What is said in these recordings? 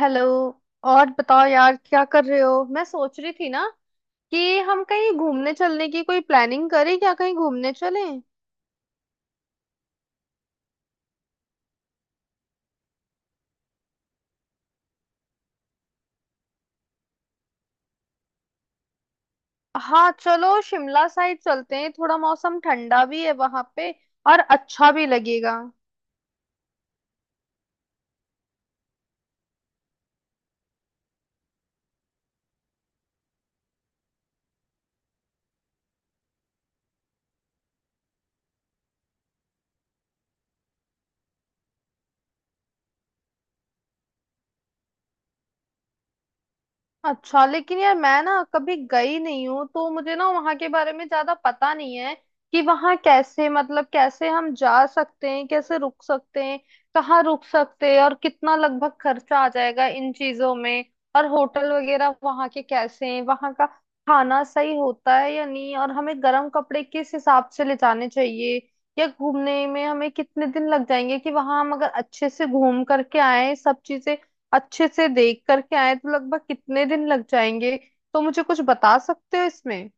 Hello. और बताओ यार क्या कर रहे हो? मैं सोच रही थी ना कि हम कहीं घूमने चलने की कोई प्लानिंग करें, क्या कहीं घूमने चलें? हाँ चलो शिमला साइड चलते हैं, थोड़ा मौसम ठंडा भी है वहां पे और अच्छा भी लगेगा। अच्छा लेकिन यार मैं ना कभी गई नहीं हूँ, तो मुझे ना वहां के बारे में ज्यादा पता नहीं है कि वहां कैसे, मतलब कैसे हम जा सकते हैं, कैसे रुक सकते हैं, कहाँ रुक सकते हैं और कितना लगभग खर्चा आ जाएगा इन चीजों में, और होटल वगैरह वहां के कैसे हैं, वहां का खाना सही होता है या नहीं, और हमें गर्म कपड़े किस हिसाब से ले जाने चाहिए, या घूमने में हमें कितने दिन लग जाएंगे कि वहां हम अगर अच्छे से घूम करके आए सब चीजें अच्छे से देख करके आए तो लगभग कितने दिन लग जाएंगे? तो मुझे कुछ बता सकते हो इसमें?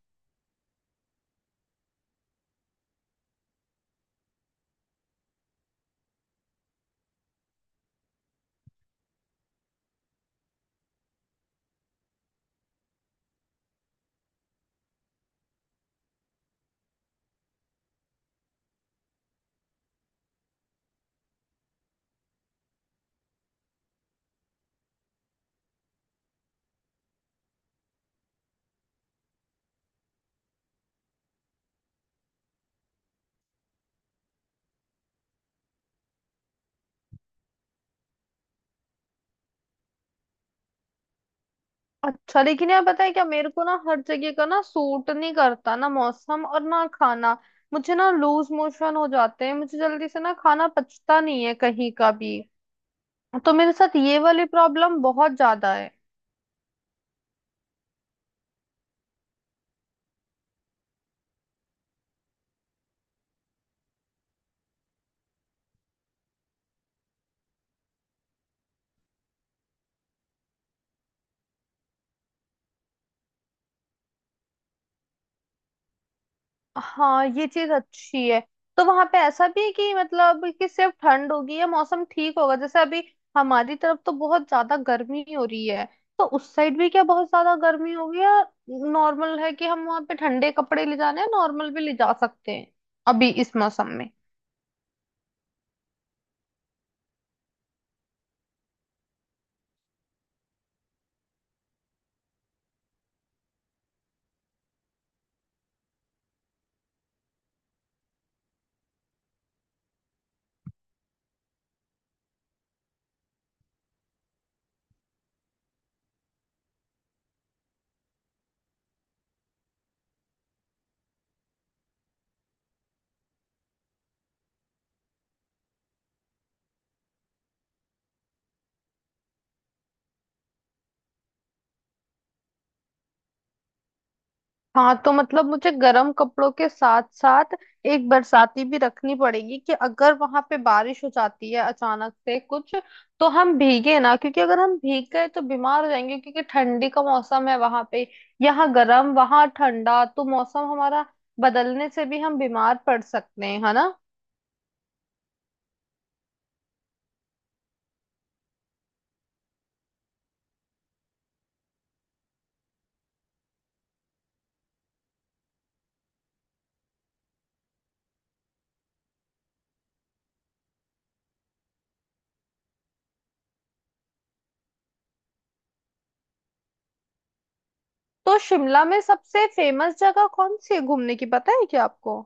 अच्छा लेकिन यार पता है क्या, मेरे को ना हर जगह का ना सूट नहीं करता, ना मौसम और ना खाना। मुझे ना लूज मोशन हो जाते हैं, मुझे जल्दी से ना खाना पचता नहीं है कहीं का भी, तो मेरे साथ ये वाली प्रॉब्लम बहुत ज्यादा है। हाँ ये चीज अच्छी है। तो वहां पे ऐसा भी है कि मतलब कि सिर्फ ठंड होगी या मौसम ठीक होगा, जैसे अभी हमारी तरफ तो बहुत ज्यादा गर्मी हो रही है, तो उस साइड भी क्या बहुत ज्यादा गर्मी होगी या नॉर्मल है कि हम वहां पे ठंडे कपड़े ले जाने हैं, नॉर्मल भी ले जा सकते हैं अभी इस मौसम में? हाँ तो मतलब मुझे गर्म कपड़ों के साथ साथ एक बरसाती भी रखनी पड़ेगी कि अगर वहां पे बारिश हो जाती है अचानक से कुछ, तो हम भीगे ना, क्योंकि अगर हम भीग गए तो बीमार हो जाएंगे, क्योंकि ठंडी का मौसम है वहां पे। यहाँ गर्म वहां ठंडा, तो मौसम हमारा बदलने से भी हम बीमार पड़ सकते हैं, है ना? तो शिमला में सबसे फेमस जगह कौन सी है घूमने की, पता है क्या आपको?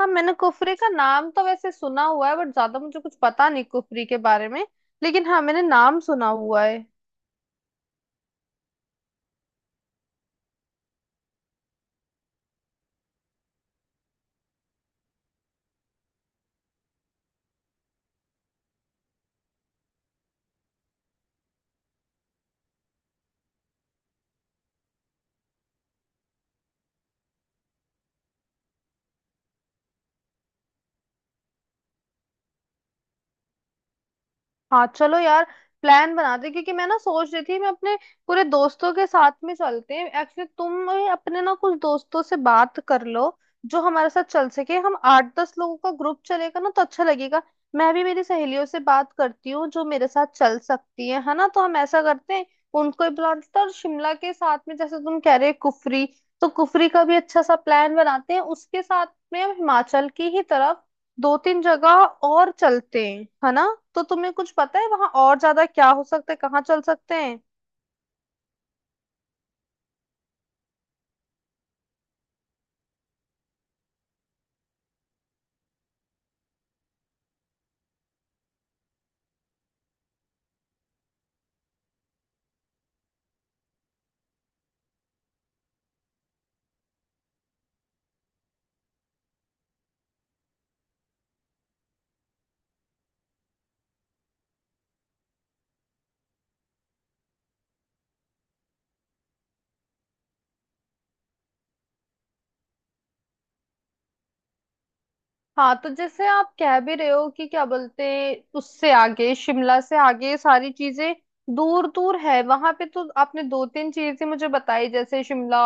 हाँ मैंने कुफरी का नाम तो वैसे सुना हुआ है, बट ज्यादा मुझे कुछ पता नहीं कुफरी के बारे में, लेकिन हाँ मैंने नाम सुना हुआ है। हाँ चलो यार प्लान बनाते हैं, क्योंकि मैं ना सोच रही थी मैं अपने पूरे दोस्तों के साथ में चलते हैं। एक्चुअली तुम अपने ना कुछ दोस्तों से बात कर लो जो हमारे साथ चल सके। हम आठ दस लोगों का ग्रुप चलेगा ना तो अच्छा लगेगा। मैं भी मेरी सहेलियों से बात करती हूँ जो मेरे साथ चल सकती है ना? तो हम ऐसा करते हैं, उनको ही बुला लेते हैं। और शिमला के साथ में जैसे तुम कह रहे हो कुफरी, तो कुफरी का भी अच्छा सा प्लान बनाते हैं। उसके साथ में हम हिमाचल की ही तरफ दो तीन जगह और चलते हैं, है ना? तो तुम्हें कुछ पता है वहां और ज्यादा क्या हो सकता है, कहाँ चल सकते हैं? हाँ तो जैसे आप कह भी रहे हो कि क्या बोलते, उससे आगे, शिमला से आगे ये सारी चीजें दूर दूर है वहां पे। तो आपने दो तीन चीजें मुझे बताई, जैसे शिमला,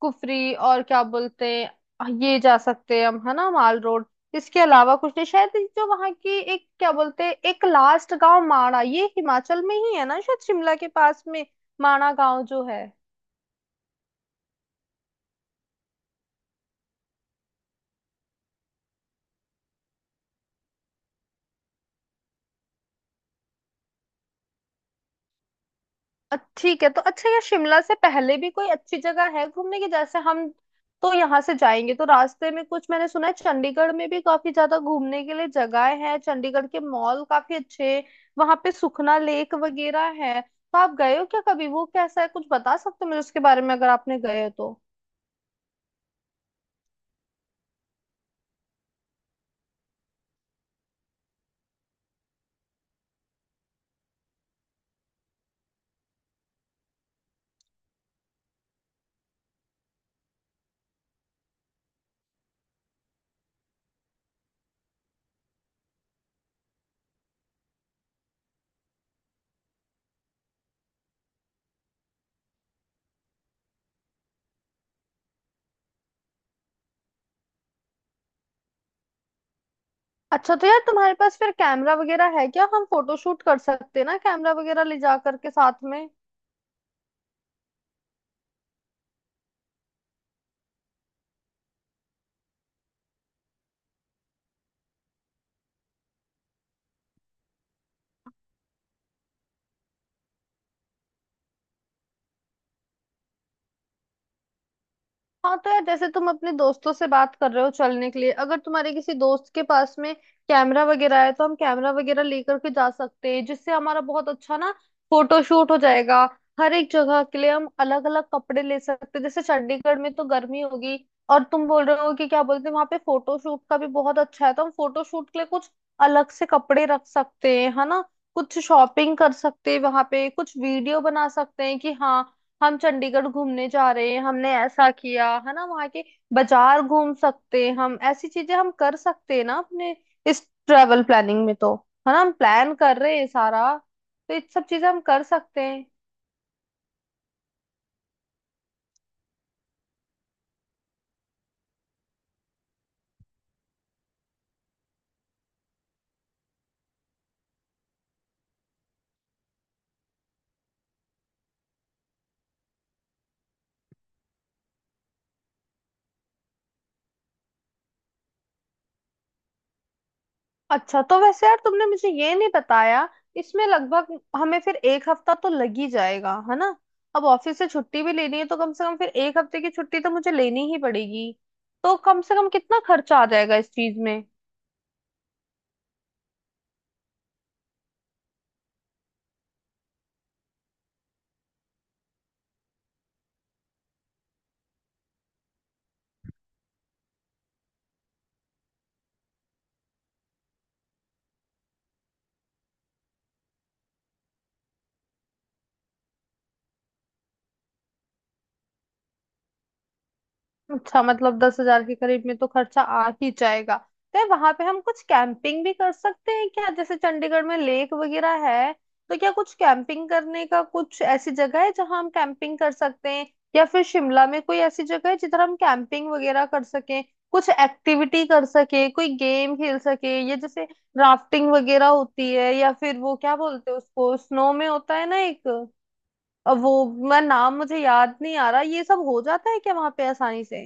कुफरी और क्या बोलते हैं, ये जा सकते हैं हम, है ना, माल रोड। इसके अलावा कुछ नहीं शायद। जो वहां की एक क्या बोलते हैं, एक लास्ट गांव माणा, ये हिमाचल में ही है ना शायद, शिमला के पास में, माणा गांव जो है। ठीक है। तो अच्छा यार शिमला से पहले भी कोई अच्छी जगह है घूमने की? जैसे हम तो यहाँ से जाएंगे तो रास्ते में, कुछ मैंने सुना है चंडीगढ़ में भी काफी ज्यादा घूमने के लिए जगह है, चंडीगढ़ के मॉल काफी अच्छे, वहां पे सुखना लेक वगैरह है। तो आप गए हो क्या कभी? वो कैसा है, कुछ बता सकते हो मुझे उसके बारे में, अगर आपने गए हो तो? अच्छा तो यार तुम्हारे पास फिर कैमरा वगैरह है क्या? हम फोटो शूट कर सकते हैं ना, कैमरा वगैरह ले जा करके साथ में। हाँ तो यार जैसे तुम अपने दोस्तों से बात कर रहे हो चलने के लिए, अगर तुम्हारे किसी दोस्त के पास में कैमरा वगैरह है तो हम कैमरा वगैरह लेकर के जा सकते हैं, जिससे हमारा बहुत अच्छा ना फोटो शूट हो जाएगा। हर एक जगह के लिए हम अलग अलग कपड़े ले सकते हैं। जैसे चंडीगढ़ में तो गर्मी होगी, और तुम बोल रहे हो कि क्या बोलते हैं, वहां पे फोटो शूट का भी बहुत अच्छा है, तो हम फोटो शूट के लिए कुछ अलग से कपड़े रख सकते हैं, है ना। कुछ शॉपिंग कर सकते हैं वहां पे, कुछ वीडियो बना सकते हैं कि हाँ हम चंडीगढ़ घूमने जा रहे हैं, हमने ऐसा किया, है ना। वहाँ के बाजार घूम सकते हैं हम। ऐसी चीजें हम कर सकते हैं ना अपने इस ट्रेवल प्लानिंग में, तो, है ना, हम प्लान कर रहे हैं सारा। तो ये सब चीजें हम कर सकते हैं। अच्छा तो वैसे यार तुमने मुझे ये नहीं बताया, इसमें लगभग हमें फिर एक हफ्ता तो लग ही जाएगा, है ना? अब ऑफिस से छुट्टी भी लेनी है, तो कम से कम फिर एक हफ्ते की छुट्टी तो मुझे लेनी ही पड़ेगी। तो कम से कम कितना खर्चा आ जाएगा इस चीज में? अच्छा मतलब 10,000 के करीब में तो खर्चा आ ही जाएगा। तो वहां पे हम कुछ कैंपिंग भी कर सकते हैं क्या? जैसे चंडीगढ़ में लेक वगैरह है, तो क्या कुछ कैंपिंग करने का कुछ ऐसी जगह है जहां हम कैंपिंग कर सकते हैं? या फिर शिमला में कोई ऐसी जगह है जिधर हम कैंपिंग वगैरह कर सकें, कुछ एक्टिविटी कर सके, कोई गेम खेल सके, ये जैसे राफ्टिंग वगैरह होती है, या फिर वो क्या बोलते हैं उसको, स्नो में होता है ना एक, अब वो मैं नाम मुझे याद नहीं आ रहा। ये सब हो जाता है क्या वहां पे आसानी से?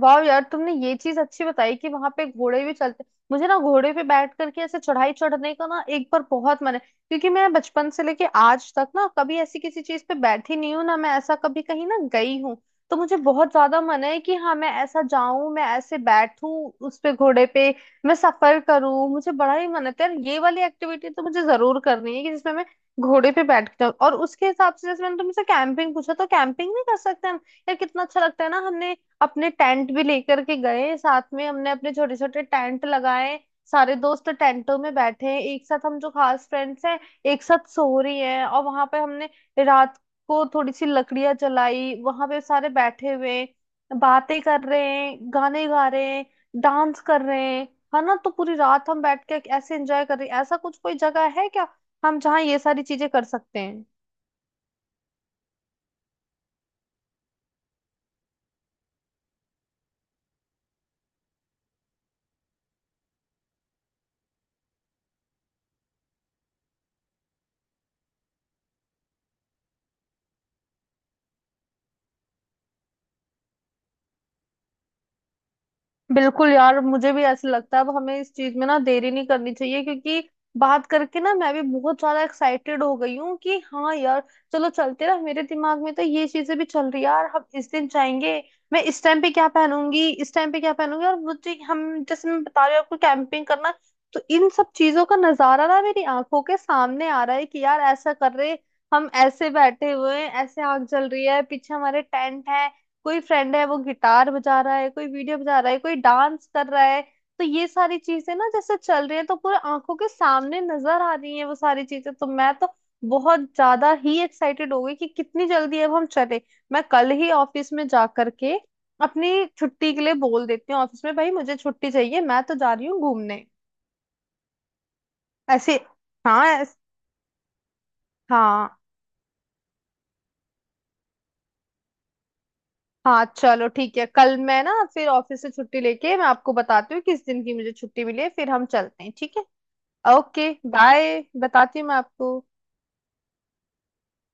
वाह यार तुमने ये चीज अच्छी बताई कि वहां पे घोड़े भी चलते। मुझे ना घोड़े पे बैठ करके ऐसे चढ़ाई चढ़ने का ना एक बार बहुत मन है, क्योंकि मैं बचपन से लेके आज तक ना कभी ऐसी किसी चीज पे बैठी नहीं हूँ, ना मैं ऐसा कभी कहीं ना गई हूँ। तो मुझे बहुत ज्यादा मन है कि हाँ मैं ऐसा जाऊं, मैं ऐसे बैठूं उस पे, घोड़े पे मैं सफर करूं, मुझे बड़ा ही मन है। तो यार ये वाली एक्टिविटी तो मुझे जरूर करनी है कि जिसमें मैं घोड़े पे बैठ के जाऊं। और उसके हिसाब से, जैसे मैंने तुमसे कैंपिंग पूछा, तो कैंपिंग भी कर सकते हैं हम। यार कितना अच्छा लगता है ना, हमने अपने टेंट भी लेकर के गए साथ में, हमने अपने छोटे छोटे टेंट लगाए, सारे दोस्त टेंटों में बैठे हैं एक साथ, हम जो खास फ्रेंड्स हैं एक साथ सो रही हैं, और वहां पे हमने रात को थोड़ी सी लकड़ियां जलाई, वहां पे सारे बैठे हुए हैं, बातें कर रहे हैं, गाने गा रहे हैं, डांस कर रहे हैं, है ना, तो पूरी रात हम बैठ के ऐसे एंजॉय कर रहे हैं। ऐसा कुछ कोई जगह है क्या, हम जहाँ ये सारी चीजें कर सकते हैं? बिल्कुल यार मुझे भी ऐसे लगता है, अब हमें इस चीज में ना देरी नहीं करनी चाहिए, क्योंकि बात करके ना मैं भी बहुत ज्यादा एक्साइटेड हो गई हूँ कि हाँ यार चलो चलते ना। मेरे दिमाग में तो ये चीजें भी चल रही है यार, हम इस दिन जाएंगे, मैं इस टाइम पे क्या पहनूंगी, इस टाइम पे क्या पहनूंगी, और मुझे हम, जैसे मैं बता रही हूँ आपको कैंपिंग करना, तो इन सब चीजों का नजारा ना मेरी आंखों के सामने आ रहा है कि यार ऐसा कर रहे हम, ऐसे बैठे हुए हैं, ऐसे आग जल रही है, पीछे हमारे टेंट है, कोई फ्रेंड है वो गिटार बजा रहा है, कोई वीडियो बजा रहा है, कोई डांस कर रहा है। तो ये सारी चीजें ना जैसे चल रही है तो पूरे आंखों के सामने नजर आ रही है वो सारी चीजें। तो मैं तो बहुत ज्यादा ही एक्साइटेड हो गई कि कितनी जल्दी अब हम चले। मैं कल ही ऑफिस में जा करके अपनी छुट्टी के लिए बोल देती हूँ ऑफिस में, भाई मुझे छुट्टी चाहिए, मैं तो जा रही हूँ घूमने। ऐसे, हाँ हाँ, हाँ चलो ठीक है, कल मैं ना फिर ऑफिस से छुट्टी लेके मैं आपको बताती हूँ किस दिन की मुझे छुट्टी मिली है, फिर हम चलते हैं, ठीक है। ओके बाय, बताती हूँ मैं आपको।